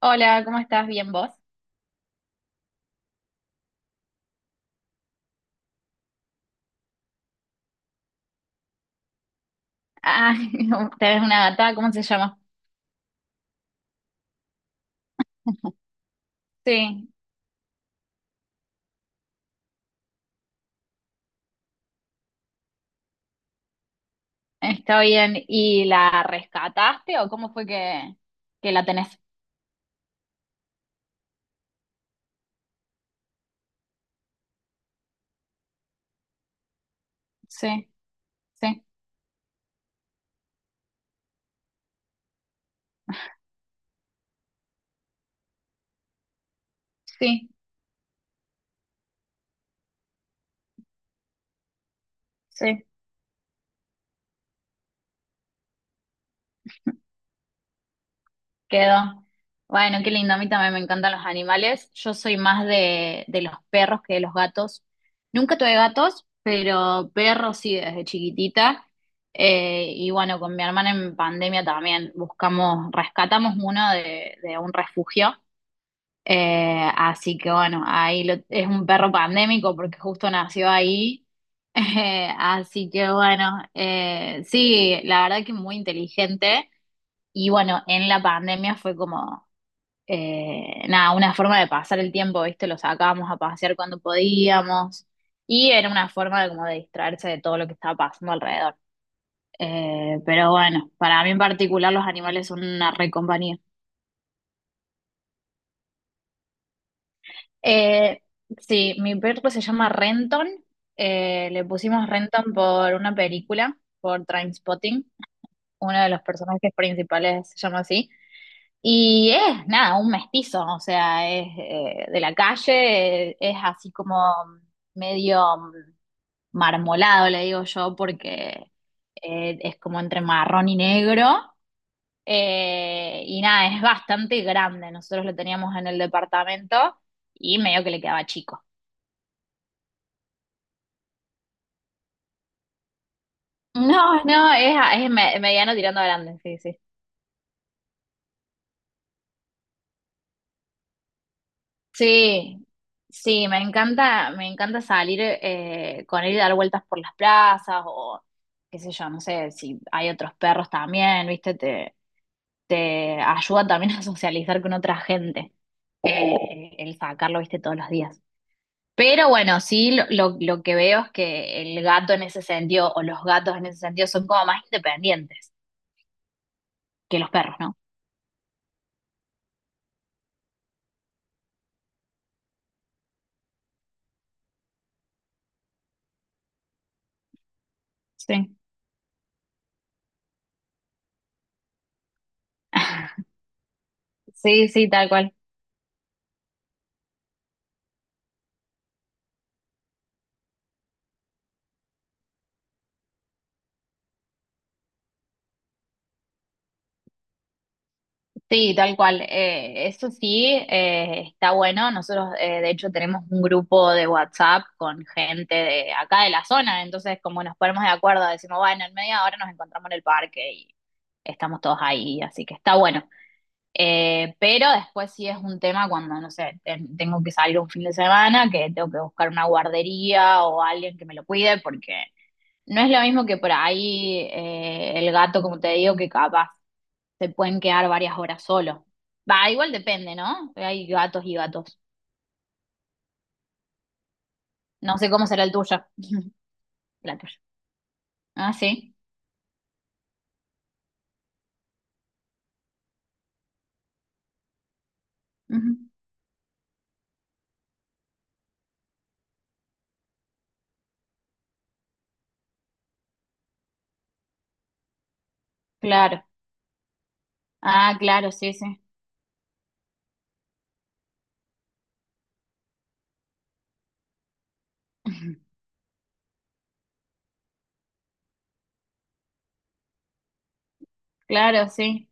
Hola, ¿cómo estás? ¿Bien vos? Ah, tenés una gata, ¿cómo se llama? Sí, está bien. ¿Y la rescataste o cómo fue que la tenés? Sí, sí, sí, sí, quedó. Bueno, qué lindo, a mí también me encantan los animales. Yo soy más de los perros que de los gatos. Nunca tuve gatos, pero perros sí desde chiquitita. Y bueno, con mi hermana en pandemia también buscamos, rescatamos uno de un refugio. Así que bueno, es un perro pandémico porque justo nació ahí. Así que bueno, sí, la verdad que muy inteligente. Y bueno, en la pandemia fue como nada, una forma de pasar el tiempo, ¿viste? Lo sacábamos a pasear cuando podíamos. Y era una forma de como de distraerse de todo lo que estaba pasando alrededor. Pero bueno, para mí en particular los animales son una re compañía. Eh, sí, mi perro se llama Renton. Le pusimos Renton por una película, por Trainspotting. Uno de los personajes principales se llama así. Y es, nada, un mestizo, o sea, es de la calle, es así como medio marmolado, le digo yo, porque es como entre marrón y negro. Y nada, es bastante grande. Nosotros lo teníamos en el departamento y medio que le quedaba chico. No, no, es, mediano tirando a grande, sí, sí. Sí, sí, me encanta salir con él y dar vueltas por las plazas o qué sé yo, no sé si hay otros perros también, ¿viste? Te ayuda también a socializar con otra gente, el sacarlo, ¿viste? Todos los días. Pero bueno, sí, lo que veo es que el gato en ese sentido o los gatos en ese sentido son como más independientes que los perros, ¿no? Sí. Sí, sí, tal cual. Sí, tal cual. Eso sí, está bueno. Nosotros, de hecho, tenemos un grupo de WhatsApp con gente de acá de la zona. Entonces, como nos ponemos de acuerdo, decimos, bueno, en media hora nos encontramos en el parque y estamos todos ahí. Así que está bueno. Pero después sí es un tema cuando, no sé, tengo que salir un fin de semana, que tengo que buscar una guardería o alguien que me lo cuide, porque no es lo mismo que por ahí el gato, como te digo, que capaz se pueden quedar varias horas solo. Va, igual depende, ¿no? Hay gatos y gatos. No sé cómo será el tuyo. La tuya. Ah, sí. Ujú. Claro. Ah, claro, sí, sí. Claro, sí.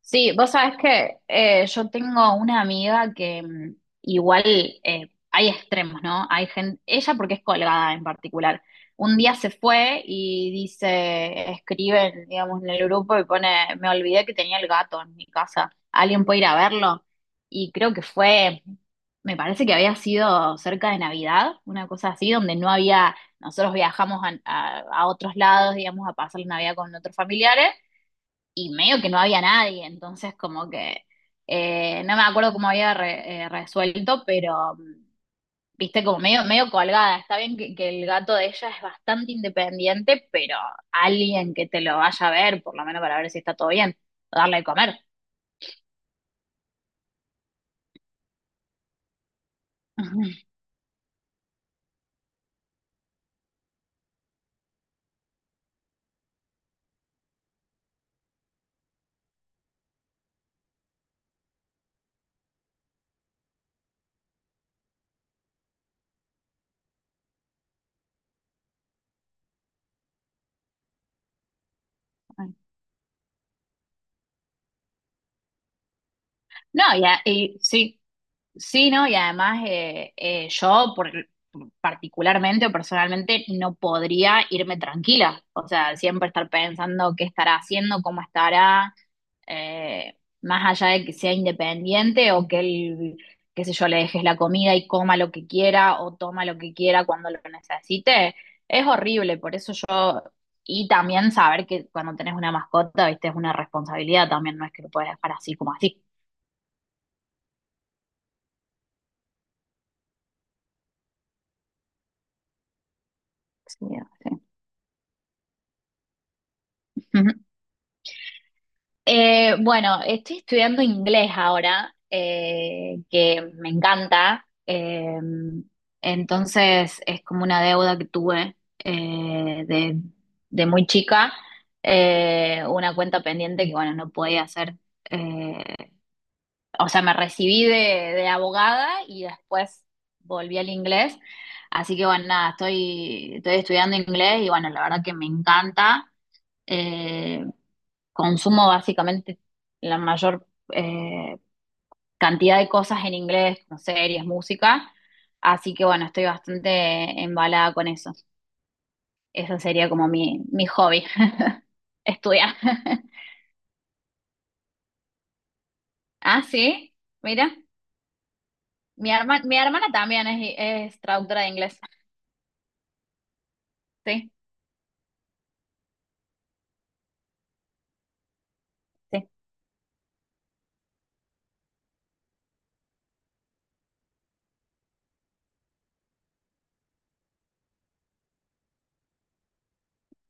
Sí, vos sabés que yo tengo una amiga que igual hay extremos, ¿no? Hay gente, ella porque es colgada en particular. Un día se fue y dice, escribe, digamos, en el grupo y pone, me olvidé que tenía el gato en mi casa. ¿Alguien puede ir a verlo? Y creo que fue, me parece que había sido cerca de Navidad, una cosa así, donde no había, nosotros viajamos a otros lados, digamos, a pasar la Navidad con otros familiares y medio que no había nadie, entonces como que no me acuerdo cómo había resuelto, pero viste como medio, medio colgada. Está bien que el gato de ella es bastante independiente, pero alguien que te lo vaya a ver, por lo menos para ver si está todo bien, o darle de comer. No, y sí, sí, ¿no? Y además yo por, particularmente o personalmente no podría irme tranquila, o sea, siempre estar pensando qué estará haciendo, cómo estará, más allá de que sea independiente o que él, qué sé yo, le dejes la comida y coma lo que quiera o toma lo que quiera cuando lo necesite, es horrible, por eso yo, y también saber que cuando tenés una mascota, viste, es una responsabilidad también, no es que lo puedes dejar así como así. Sí, sí. Ujú. Bueno, estoy estudiando inglés ahora, que me encanta. Entonces es como una deuda que tuve eh, de, de muy chica, una cuenta pendiente que bueno, no podía hacer. eh, o sea, me recibí de abogada y después volví al inglés. Así que bueno, nada, estoy, estoy estudiando inglés y bueno, la verdad que me encanta eh, consumo básicamente la mayor eh, cantidad de cosas en inglés, como series, música, así que bueno, estoy bastante embalada con eso. Eso sería como mi hobby, estudiar. Ah, sí, mira, mi hermana también es traductora de inglés. Sí, sí,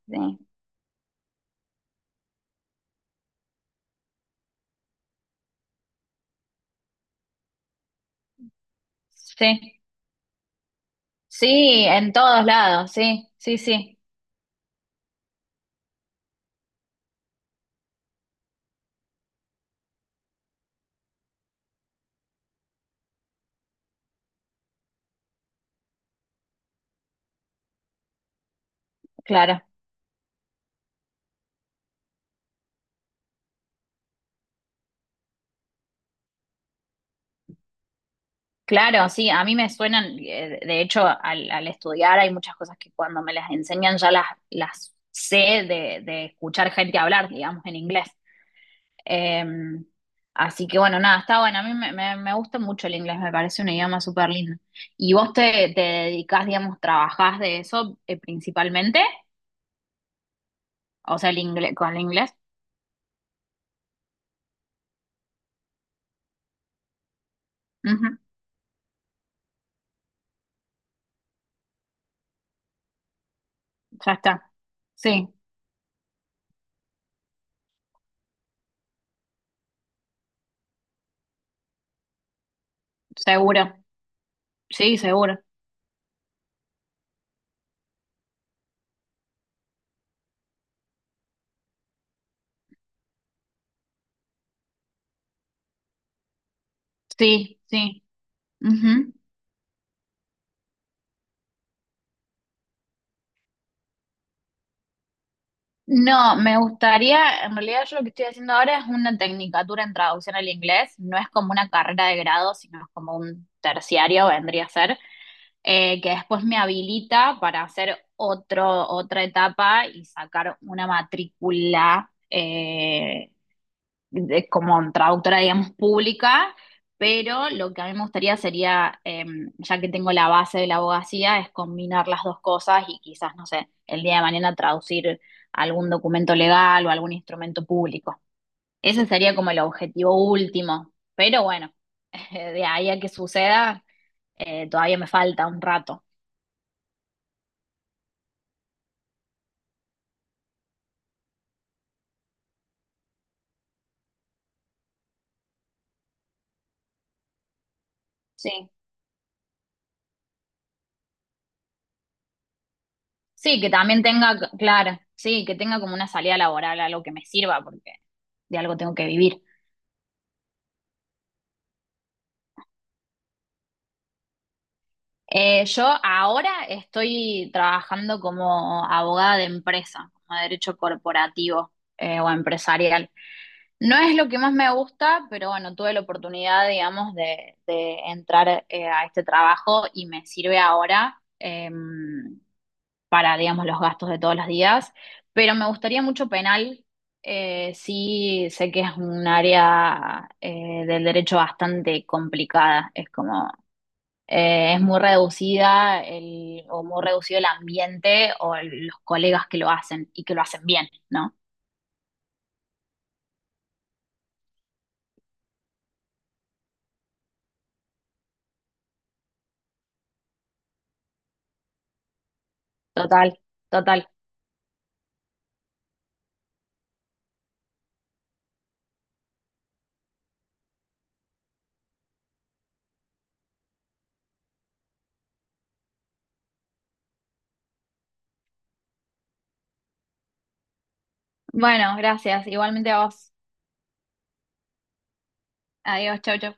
sí, sí, sí, en todos lados, sí, sí, sí, claro. Claro, sí, a mí me suenan, de hecho, al estudiar hay muchas cosas que cuando me las enseñan ya las sé de escuchar gente hablar, digamos, en inglés. Eh, Así que bueno, nada, está bueno, a mí me gusta mucho el inglés, me parece un idioma súper lindo. ¿Y vos te dedicás, digamos, trabajás de eso principalmente? O sea, el inglés, con el inglés. Ujú, ya está. Sí, seguro. Sí, seguro. Sí, sí. Ujú. No, me gustaría, en realidad yo lo que estoy haciendo ahora es una tecnicatura en traducción al inglés, no es como una carrera de grado, sino es como un terciario, vendría a ser, que después me habilita para hacer otro, otra etapa y sacar una matrícula como traductora, digamos, pública, pero lo que a mí me gustaría sería, ya que tengo la base de la abogacía, es combinar las dos cosas y quizás, no sé, el día de mañana traducir algún documento legal o algún instrumento público. Ese sería como el objetivo último, pero bueno, de ahí a que suceda, todavía me falta un rato. Sí, sí, que también tenga, claro, sí, que tenga como una salida laboral, algo que me sirva, porque de algo tengo que vivir. Yo ahora estoy trabajando como abogada de empresa, como derecho corporativo o empresarial. No es lo que más me gusta, pero bueno, tuve la oportunidad, digamos, de entrar a este trabajo y me sirve ahora para, digamos, los gastos de todos los días. Pero me gustaría mucho penal. Sí, sé que es un área del derecho bastante complicada. Es como es muy reducida el, o muy reducido el ambiente o los colegas que lo hacen y que lo hacen bien, ¿no? Total, total. Bueno, gracias. Igualmente a vos. Adiós, chau, chau.